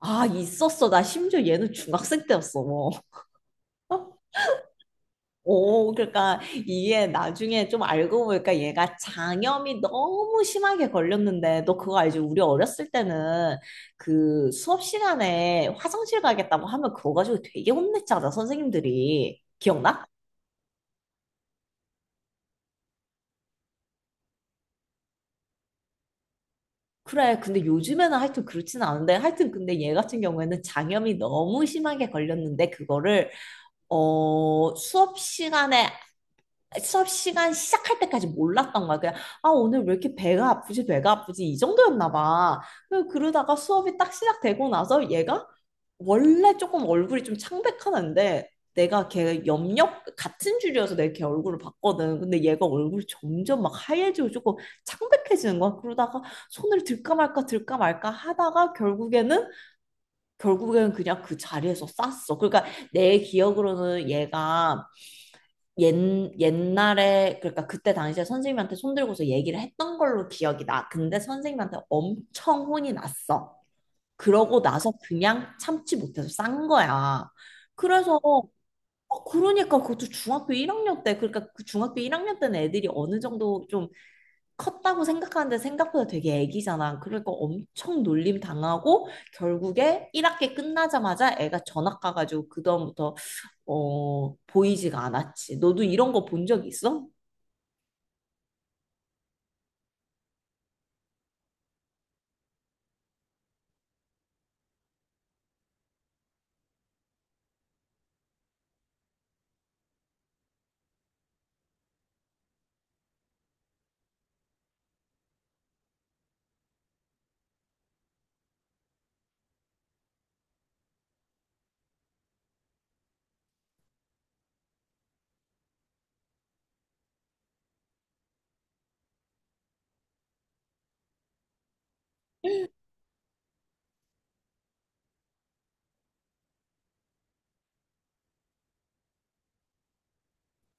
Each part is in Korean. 아, 있었어. 나 심지어 얘는 중학생 때였어. 뭐. 오, 그러니까 이게 나중에 좀 알고 보니까 얘가 장염이 너무 심하게 걸렸는데, 너 그거 알지? 우리 어렸을 때는 그 수업 시간에 화장실 가겠다고 하면 그거 가지고 되게 혼냈잖아, 선생님들이. 기억나? 그래. 근데 요즘에는 하여튼 그렇진 않은데, 하여튼 근데 얘 같은 경우에는 장염이 너무 심하게 걸렸는데, 그거를 수업 시간에 수업 시간 시작할 때까지 몰랐던 거야. 그냥, 아, 오늘 왜 이렇게 배가 아프지, 배가 아프지, 이 정도였나 봐. 그래서 그러다가 수업이 딱 시작되고 나서 얘가 원래 조금 얼굴이 좀 창백하는데 내가 걔 염력 같은 줄이어서 내가 걔 얼굴을 봤거든. 근데 얘가 얼굴이 점점 막 하얘지고 조금 창백해지는 거야. 그러다가 손을 들까 말까 들까 말까 하다가 결국에는 그냥 그 자리에서 쌌어. 그러니까 내 기억으로는 얘가 옛, 옛날에 그러니까 그때 당시에 선생님한테 손들고서 얘기를 했던 걸로 기억이 나. 근데 선생님한테 엄청 혼이 났어. 그러고 나서 그냥 참지 못해서 싼 거야. 그래서 그러니까 그것도 중학교 1학년 때 그러니까 그 중학교 1학년 때는 애들이 어느 정도 좀 컸다고 생각하는데 생각보다 되게 애기잖아. 그러니까 엄청 놀림 당하고 결국에 1학기 끝나자마자 애가 전학 가가지고 그다음부터 보이지가 않았지. 너도 이런 거 본 적 있어?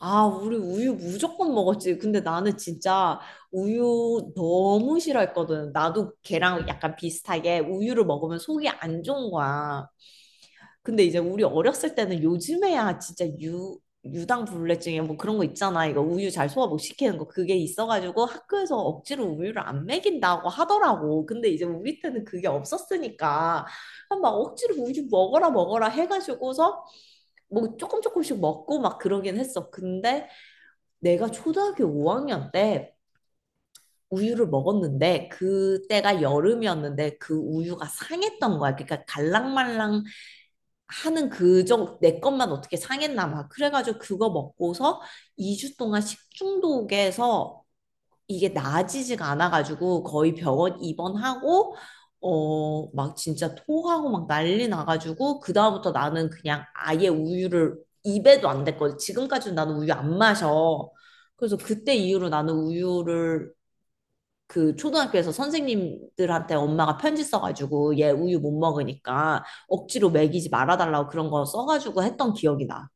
아, 우리 우유 무조건 먹었지. 근데 나는 진짜 우유 너무 싫어했거든. 나도 걔랑 약간 비슷하게 우유를 먹으면 속이 안 좋은 거야. 근데 이제 우리 어렸을 때는 요즘에야 진짜 유 유당불내증에 뭐 그런 거 있잖아. 이거 우유 잘 소화 못 시키는 거 그게 있어가지고 학교에서 억지로 우유를 안 먹인다고 하더라고. 근데 이제 우리 때는 그게 없었으니까 막 억지로 우유 먹어라 먹어라 해가지고서 뭐 조금 조금씩 먹고 막 그러긴 했어. 근데 내가 초등학교 5학년 때 우유를 먹었는데 그때가 여름이었는데 그 우유가 상했던 거야. 그러니까 갈랑말랑 하는 그 정, 내 것만 어떻게 상했나 막. 그래가지고 그거 먹고서 2주 동안 식중독에서 이게 나아지지가 않아가지고 거의 병원 입원하고, 막 진짜 토하고 막 난리 나가지고, 그다음부터 나는 그냥 아예 우유를 입에도 안 댔거든. 지금까지는 나는 우유 안 마셔. 그래서 그때 이후로 나는 우유를 그 초등학교에서 선생님들한테 엄마가 편지 써가지고 얘 우유 못 먹으니까 억지로 먹이지 말아달라고 그런 거 써가지고 했던 기억이 나.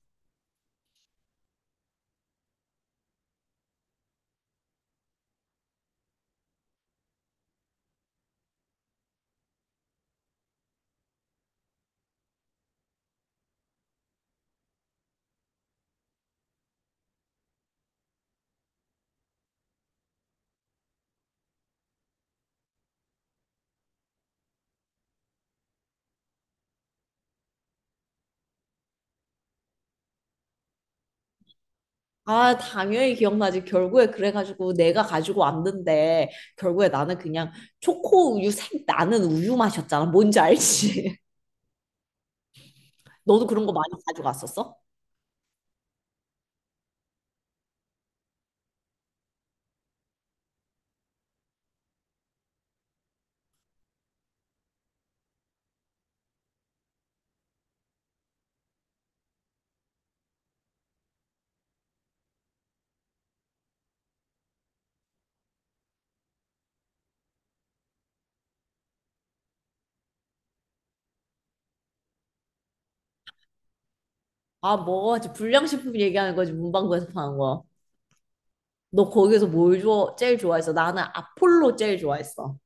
아, 당연히 기억나지. 결국에 그래가지고 내가 가지고 왔는데 결국에 나는 그냥 초코 우유 색 나는 우유 맛이었잖아. 뭔지 알지? 너도 그런 거 많이 가져갔었어? 아, 뭐지? 불량식품 얘기하는 거지. 문방구에서 파는 거. 너 거기서 뭘 좋아, 제일 좋아했어? 나는 아폴로 제일 좋아했어.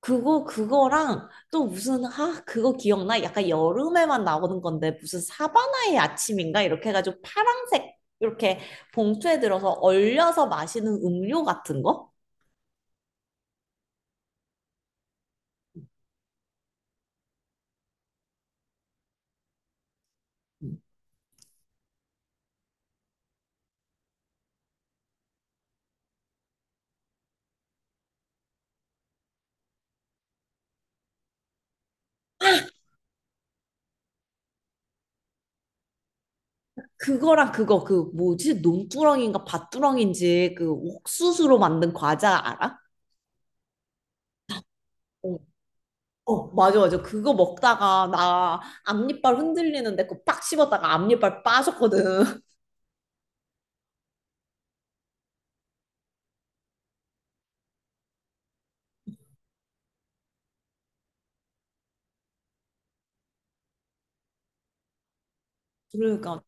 그거랑 또 무슨 아 그거 기억나? 약간 여름에만 나오는 건데 무슨 사바나의 아침인가 이렇게 해가지고 파란색 이렇게 봉투에 들어서 얼려서 마시는 음료 같은 거? 음. 그거랑 그거 그 뭐지 논두렁인가 밭두렁인지 그 옥수수로 만든 과자 알아? 어, 어 맞아 맞아 그거 먹다가 나 앞니빨 흔들리는데 그거 빡 씹었다가 앞니빨 빠졌거든. 그러니까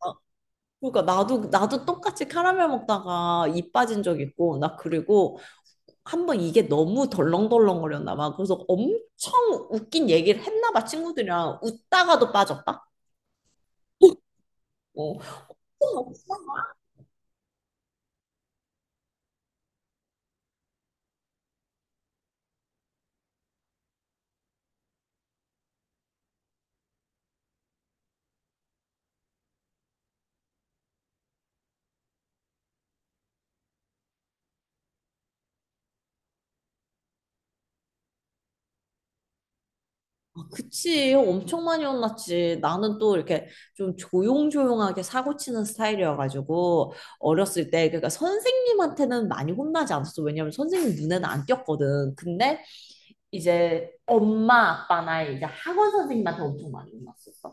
그러니까 나도 나도 똑같이 카라멜 먹다가 입 빠진 적 있고 나 그리고 한 번 이게 너무 덜렁덜렁거렸나 봐. 그래서 엄청 웃긴 얘기를 했나 봐 친구들이랑 웃다가도 빠졌다. 어. 아, 그치 엄청 많이 혼났지. 나는 또 이렇게 좀 조용조용하게 사고 치는 스타일이어가지고 어렸을 때 그러니까 선생님한테는 많이 혼나지 않았어. 왜냐면 선생님 눈에는 안 띄었거든. 근데 이제 엄마 아빠나 이제 학원 선생님한테 엄청 많이 혼났었어.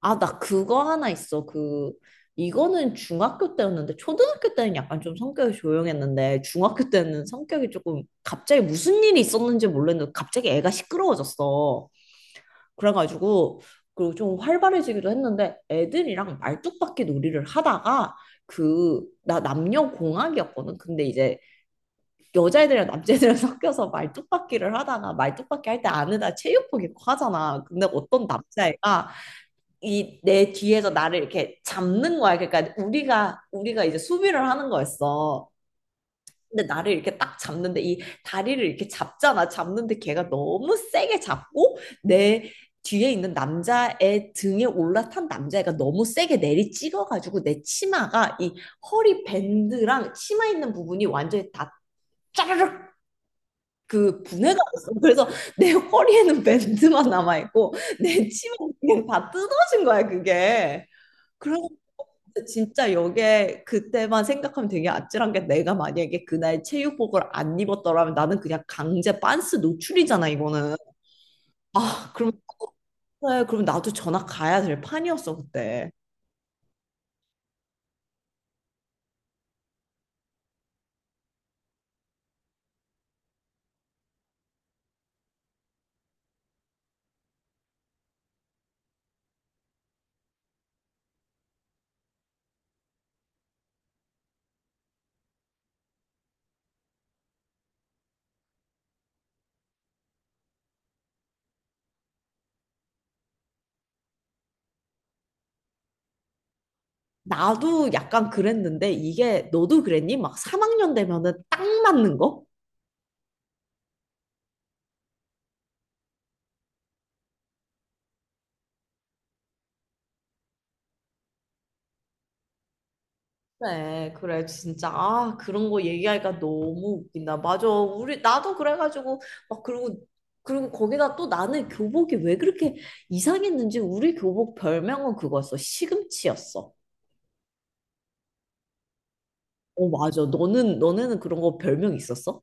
아, 나 그거 하나 있어. 그, 이거는 중학교 때였는데, 초등학교 때는 약간 좀 성격이 조용했는데, 중학교 때는 성격이 조금 갑자기 무슨 일이 있었는지 몰랐는데, 갑자기 애가 시끄러워졌어. 그래가지고, 그리고 좀 활발해지기도 했는데, 애들이랑 말뚝박기 놀이를 하다가, 그, 나 남녀공학이었거든. 근데 이제 여자애들이랑 남자애들이랑 섞여서 말뚝박기를 하다가, 말뚝박기 할 때 안에다 체육복 입고 하잖아. 근데 어떤 남자애가, 이 내 뒤에서 나를 이렇게 잡는 거야. 그러니까 우리가 이제 수비를 하는 거였어. 근데 나를 이렇게 딱 잡는데 이 다리를 이렇게 잡잖아. 잡는데 걔가 너무 세게 잡고 내 뒤에 있는 남자의 등에 올라탄 남자애가 너무 세게 내리 찍어가지고 내 치마가 이 허리 밴드랑 치마 있는 부분이 완전히 다 짜르륵 그 분해가 됐어. 그래서 내 허리에는 밴드만 남아있고 내 치마 그냥 다 뜯어진 거야 그게. 그래 진짜 기게 그때만 생각하면 되게 아찔한 게 내가 만약에 그날 체육복을 안 입었더라면 나는 그냥 강제 빤스 노출이잖아 이거는. 아 그럼 그래, 그럼 나도 전학 가야 될 판이었어 그때. 나도 약간 그랬는데 이게 너도 그랬니? 막 3학년 되면은 딱 맞는 거? 네, 그래, 진짜. 아, 그런 거 얘기하니까 너무 웃긴다. 맞아. 우리, 나도 그래가지고, 막, 그리고, 거기다 또 나는 교복이 왜 그렇게 이상했는지 우리 교복 별명은 그거였어. 시금치였어. 어, 맞아. 너는, 너네는 그런 거 별명 있었어?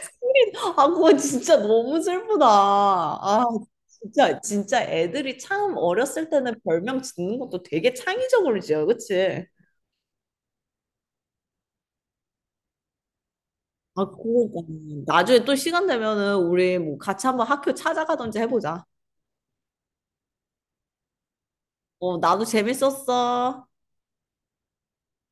아, 그거 진짜 너무 슬프다. 아, 진짜, 진짜 애들이 참 어렸을 때는 별명 짓는 것도 되게 창의적으로 지어, 그치? 아, 그러니까. 나중에 또 시간 되면은 우리 뭐 같이 한번 학교 찾아가든지 해보자. 어, 나도 재밌었어.